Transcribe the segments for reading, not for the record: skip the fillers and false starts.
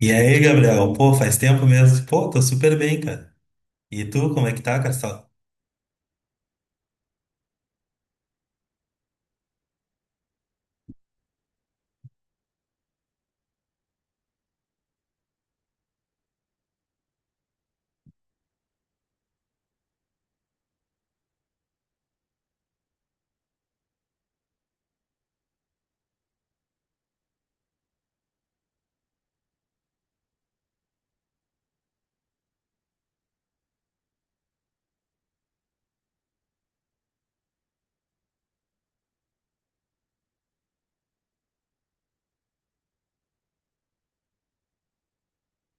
E aí, Gabriel? Pô, faz tempo mesmo. Pô, tô super bem, cara. E tu, como é que tá, Castelo?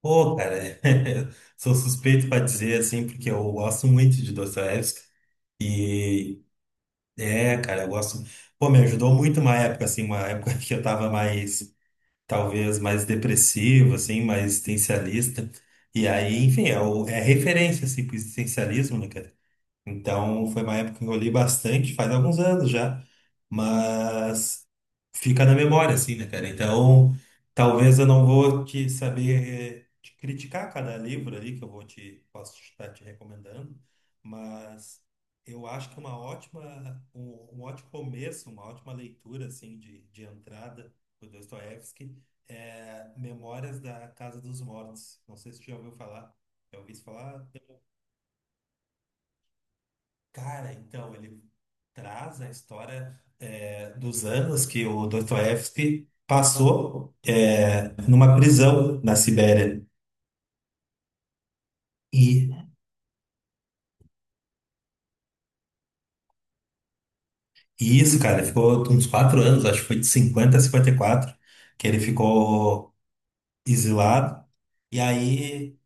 Pô, cara, sou suspeito pra dizer, assim, porque eu gosto muito de Dostoiévski. E, cara, eu gosto... Pô, me ajudou muito uma época, assim, uma época que eu tava mais, talvez, mais depressivo, assim, mais existencialista. E aí, enfim, é referência, assim, pro existencialismo, né, cara? Então, foi uma época que eu li bastante, faz alguns anos já, mas fica na memória, assim, né, cara? Então, talvez eu não vou te saber te criticar cada livro ali que eu vou te posso estar te recomendando, mas eu acho que é um ótimo começo, uma ótima leitura, assim, de entrada do Dostoiévski é Memórias da Casa dos Mortos. Não sei se você já ouviu falar. Já ouviu isso falar? Cara, então, ele traz a história dos anos que o Dostoiévski passou, numa prisão na Sibéria. E, e isso, cara, ficou uns 4 anos, acho que foi de 50 a 54 que ele ficou exilado. E aí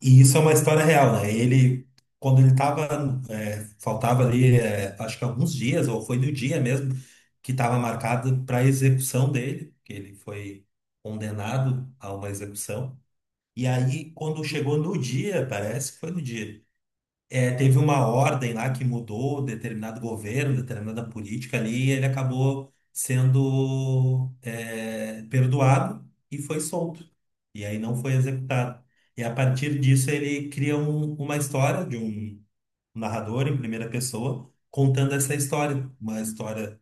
E isso é uma história real, né? Ele, quando ele tava, faltava ali, acho que alguns dias, ou foi no dia mesmo, que estava marcado para a execução dele, que ele foi condenado a uma execução. E aí, quando chegou no dia, parece que foi no dia, teve uma ordem lá que mudou determinado governo, determinada política ali, e ele acabou sendo, perdoado e foi solto. E aí não foi executado. E a partir disso ele cria uma história de um narrador em primeira pessoa contando essa história, uma história,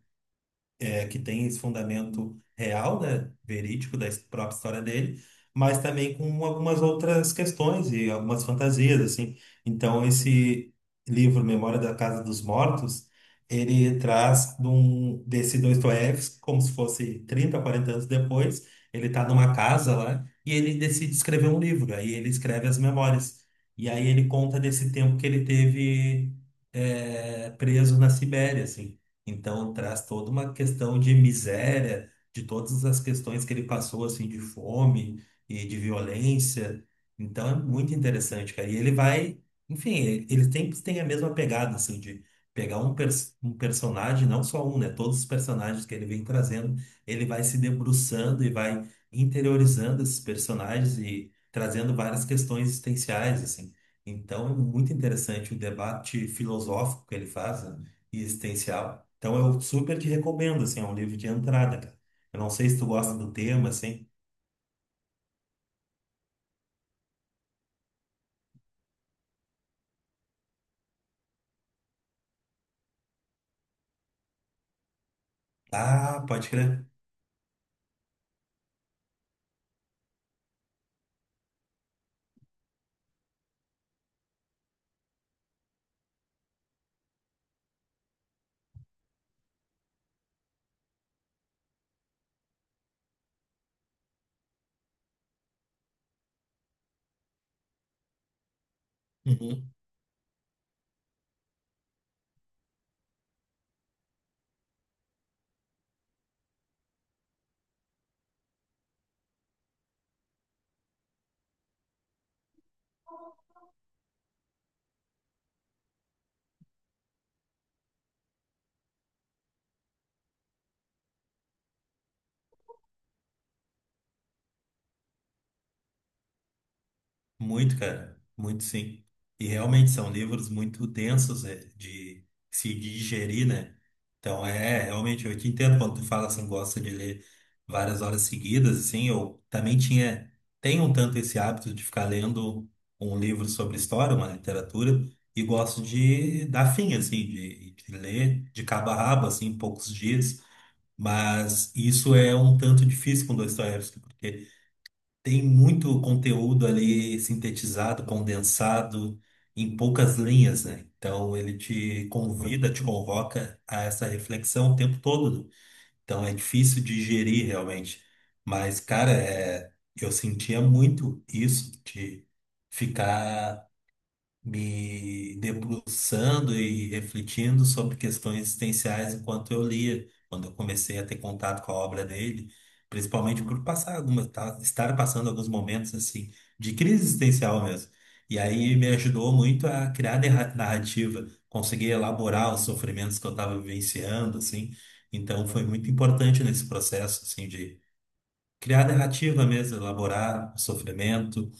que tem esse fundamento real, né, verídico da própria história dele, mas também com algumas outras questões e algumas fantasias, assim. Então, esse livro, Memória da Casa dos Mortos, ele traz desse Dostoiévski, como se fosse 30, 40 anos depois, ele está numa casa lá e ele decide escrever um livro, aí ele escreve as memórias. E aí ele conta desse tempo que ele teve, preso na Sibéria, assim. Então traz toda uma questão de miséria, de todas as questões que ele passou assim de fome e de violência. Então é muito interessante, cara. E ele vai, enfim, ele sempre tem a mesma pegada assim de pegar um, pers um personagem, não só um, né? Todos os personagens que ele vem trazendo, ele vai se debruçando e vai interiorizando esses personagens e trazendo várias questões existenciais assim. Então é muito interessante o debate filosófico que ele faz, né, e existencial. Então eu super te recomendo, assim, é um livro de entrada, cara. Eu não sei se tu gosta do tema, assim. Ah, pode crer. Muito, cara, muito sim. E realmente são livros muito densos, de se digerir, né? Então, realmente, eu te entendo quando tu fala assim, gosta de ler várias horas seguidas, assim, eu também tenho um tanto esse hábito de ficar lendo um livro sobre história, uma literatura, e gosto de dar fim, assim, de ler de cabo a rabo, assim, em poucos dias. Mas isso é um tanto difícil com Dostoiévski, porque tem muito conteúdo ali sintetizado, condensado em poucas linhas, né? Então ele te convida, te convoca a essa reflexão o tempo todo. Então é difícil digerir realmente. Mas, cara, eu sentia muito isso de ficar me debruçando e refletindo sobre questões existenciais enquanto eu lia, quando eu comecei a ter contato com a obra dele, principalmente por passar estar passando alguns momentos assim de crise existencial mesmo. E aí me ajudou muito a criar narrativa, conseguir elaborar os sofrimentos que eu estava vivenciando, assim. Então foi muito importante nesse processo assim de criar narrativa mesmo, elaborar o sofrimento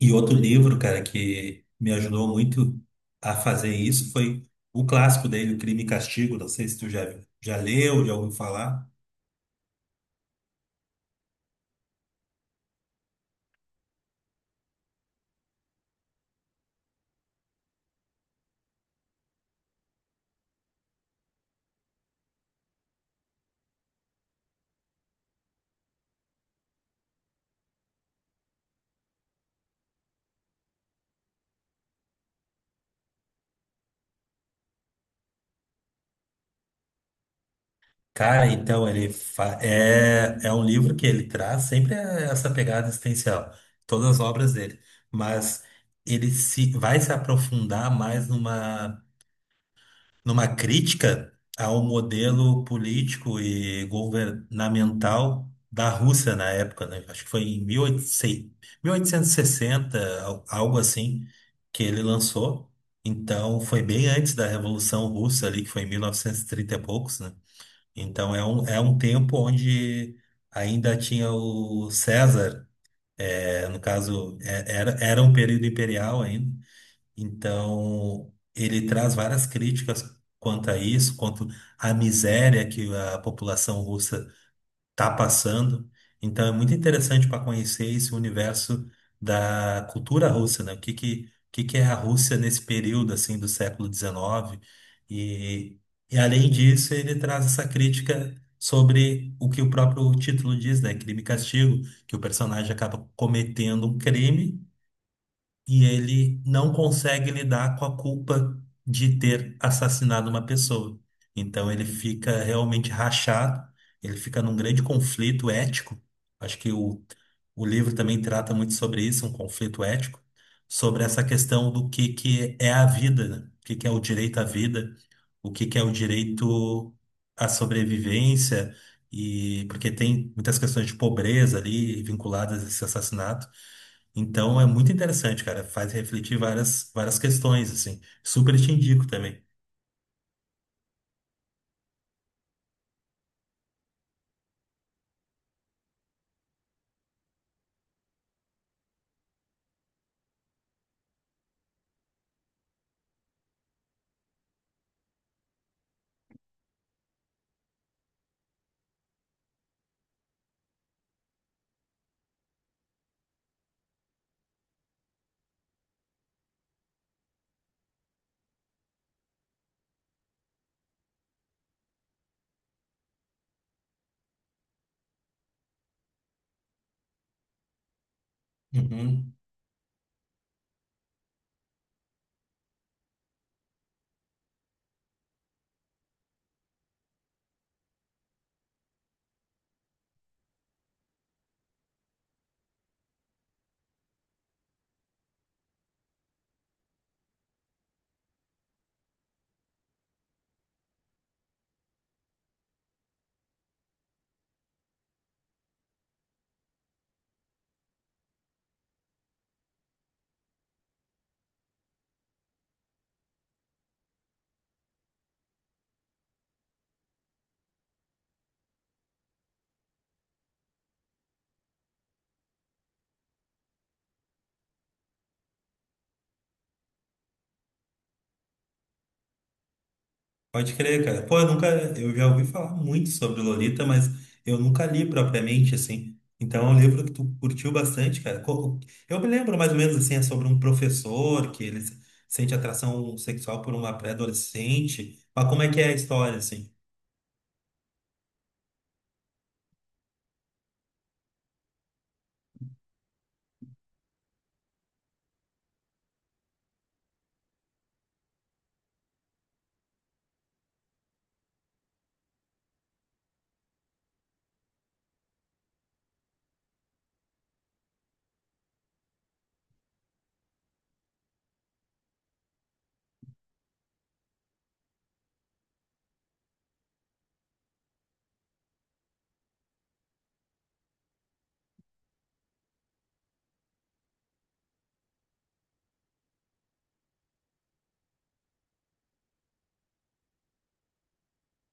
e outro livro, cara, que me ajudou muito a fazer isso foi o clássico dele, O Crime e Castigo. Não sei se tu já leu, já ouviu falar. Cara, então ele é um livro que ele traz sempre, essa pegada existencial, todas as obras dele, mas ele se vai se aprofundar mais numa crítica ao modelo político e governamental da Rússia na época, né? Acho que foi em 1800, 1860, algo assim, que ele lançou. Então, foi bem antes da Revolução Russa ali, que foi em 1930 e trinta e poucos, né? Então, é um tempo onde ainda tinha o César, no caso, era um período imperial ainda, então, ele traz várias críticas quanto a isso, quanto à miséria que a população russa está passando. Então, é muito interessante para conhecer esse universo da cultura russa, né? O que que é a Rússia nesse período, assim, do século XIX. E, e, além disso, ele traz essa crítica sobre o que o próprio título diz, né? Crime e castigo, que o personagem acaba cometendo um crime e ele não consegue lidar com a culpa de ter assassinado uma pessoa. Então ele fica realmente rachado, ele fica num grande conflito ético. Acho que o livro também trata muito sobre isso, um conflito ético, sobre essa questão do que é a vida, né? O que, que é o direito à vida, o que que é o direito à sobrevivência e porque tem muitas questões de pobreza ali vinculadas a esse assassinato. Então é muito interessante, cara, faz refletir várias várias questões assim. Super te indico também. Uhum. Pode crer, cara. Pô, eu nunca, eu já ouvi falar muito sobre Lolita, mas eu nunca li propriamente, assim. Então, é um livro que tu curtiu bastante, cara. Eu me lembro mais ou menos, assim, é sobre um professor que ele sente atração sexual por uma pré-adolescente. Mas como é que é a história, assim?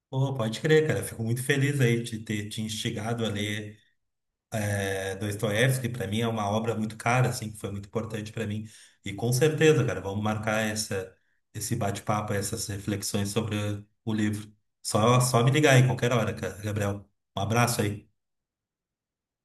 Pô, pode crer, cara. Fico muito feliz aí de ter te instigado a ler, Dostoiévski, para mim, é uma obra muito cara, assim, que foi muito importante para mim. E com certeza, cara, vamos marcar esse bate-papo, essas reflexões sobre o livro. Só me ligar aí, qualquer hora, cara, Gabriel. Um abraço aí.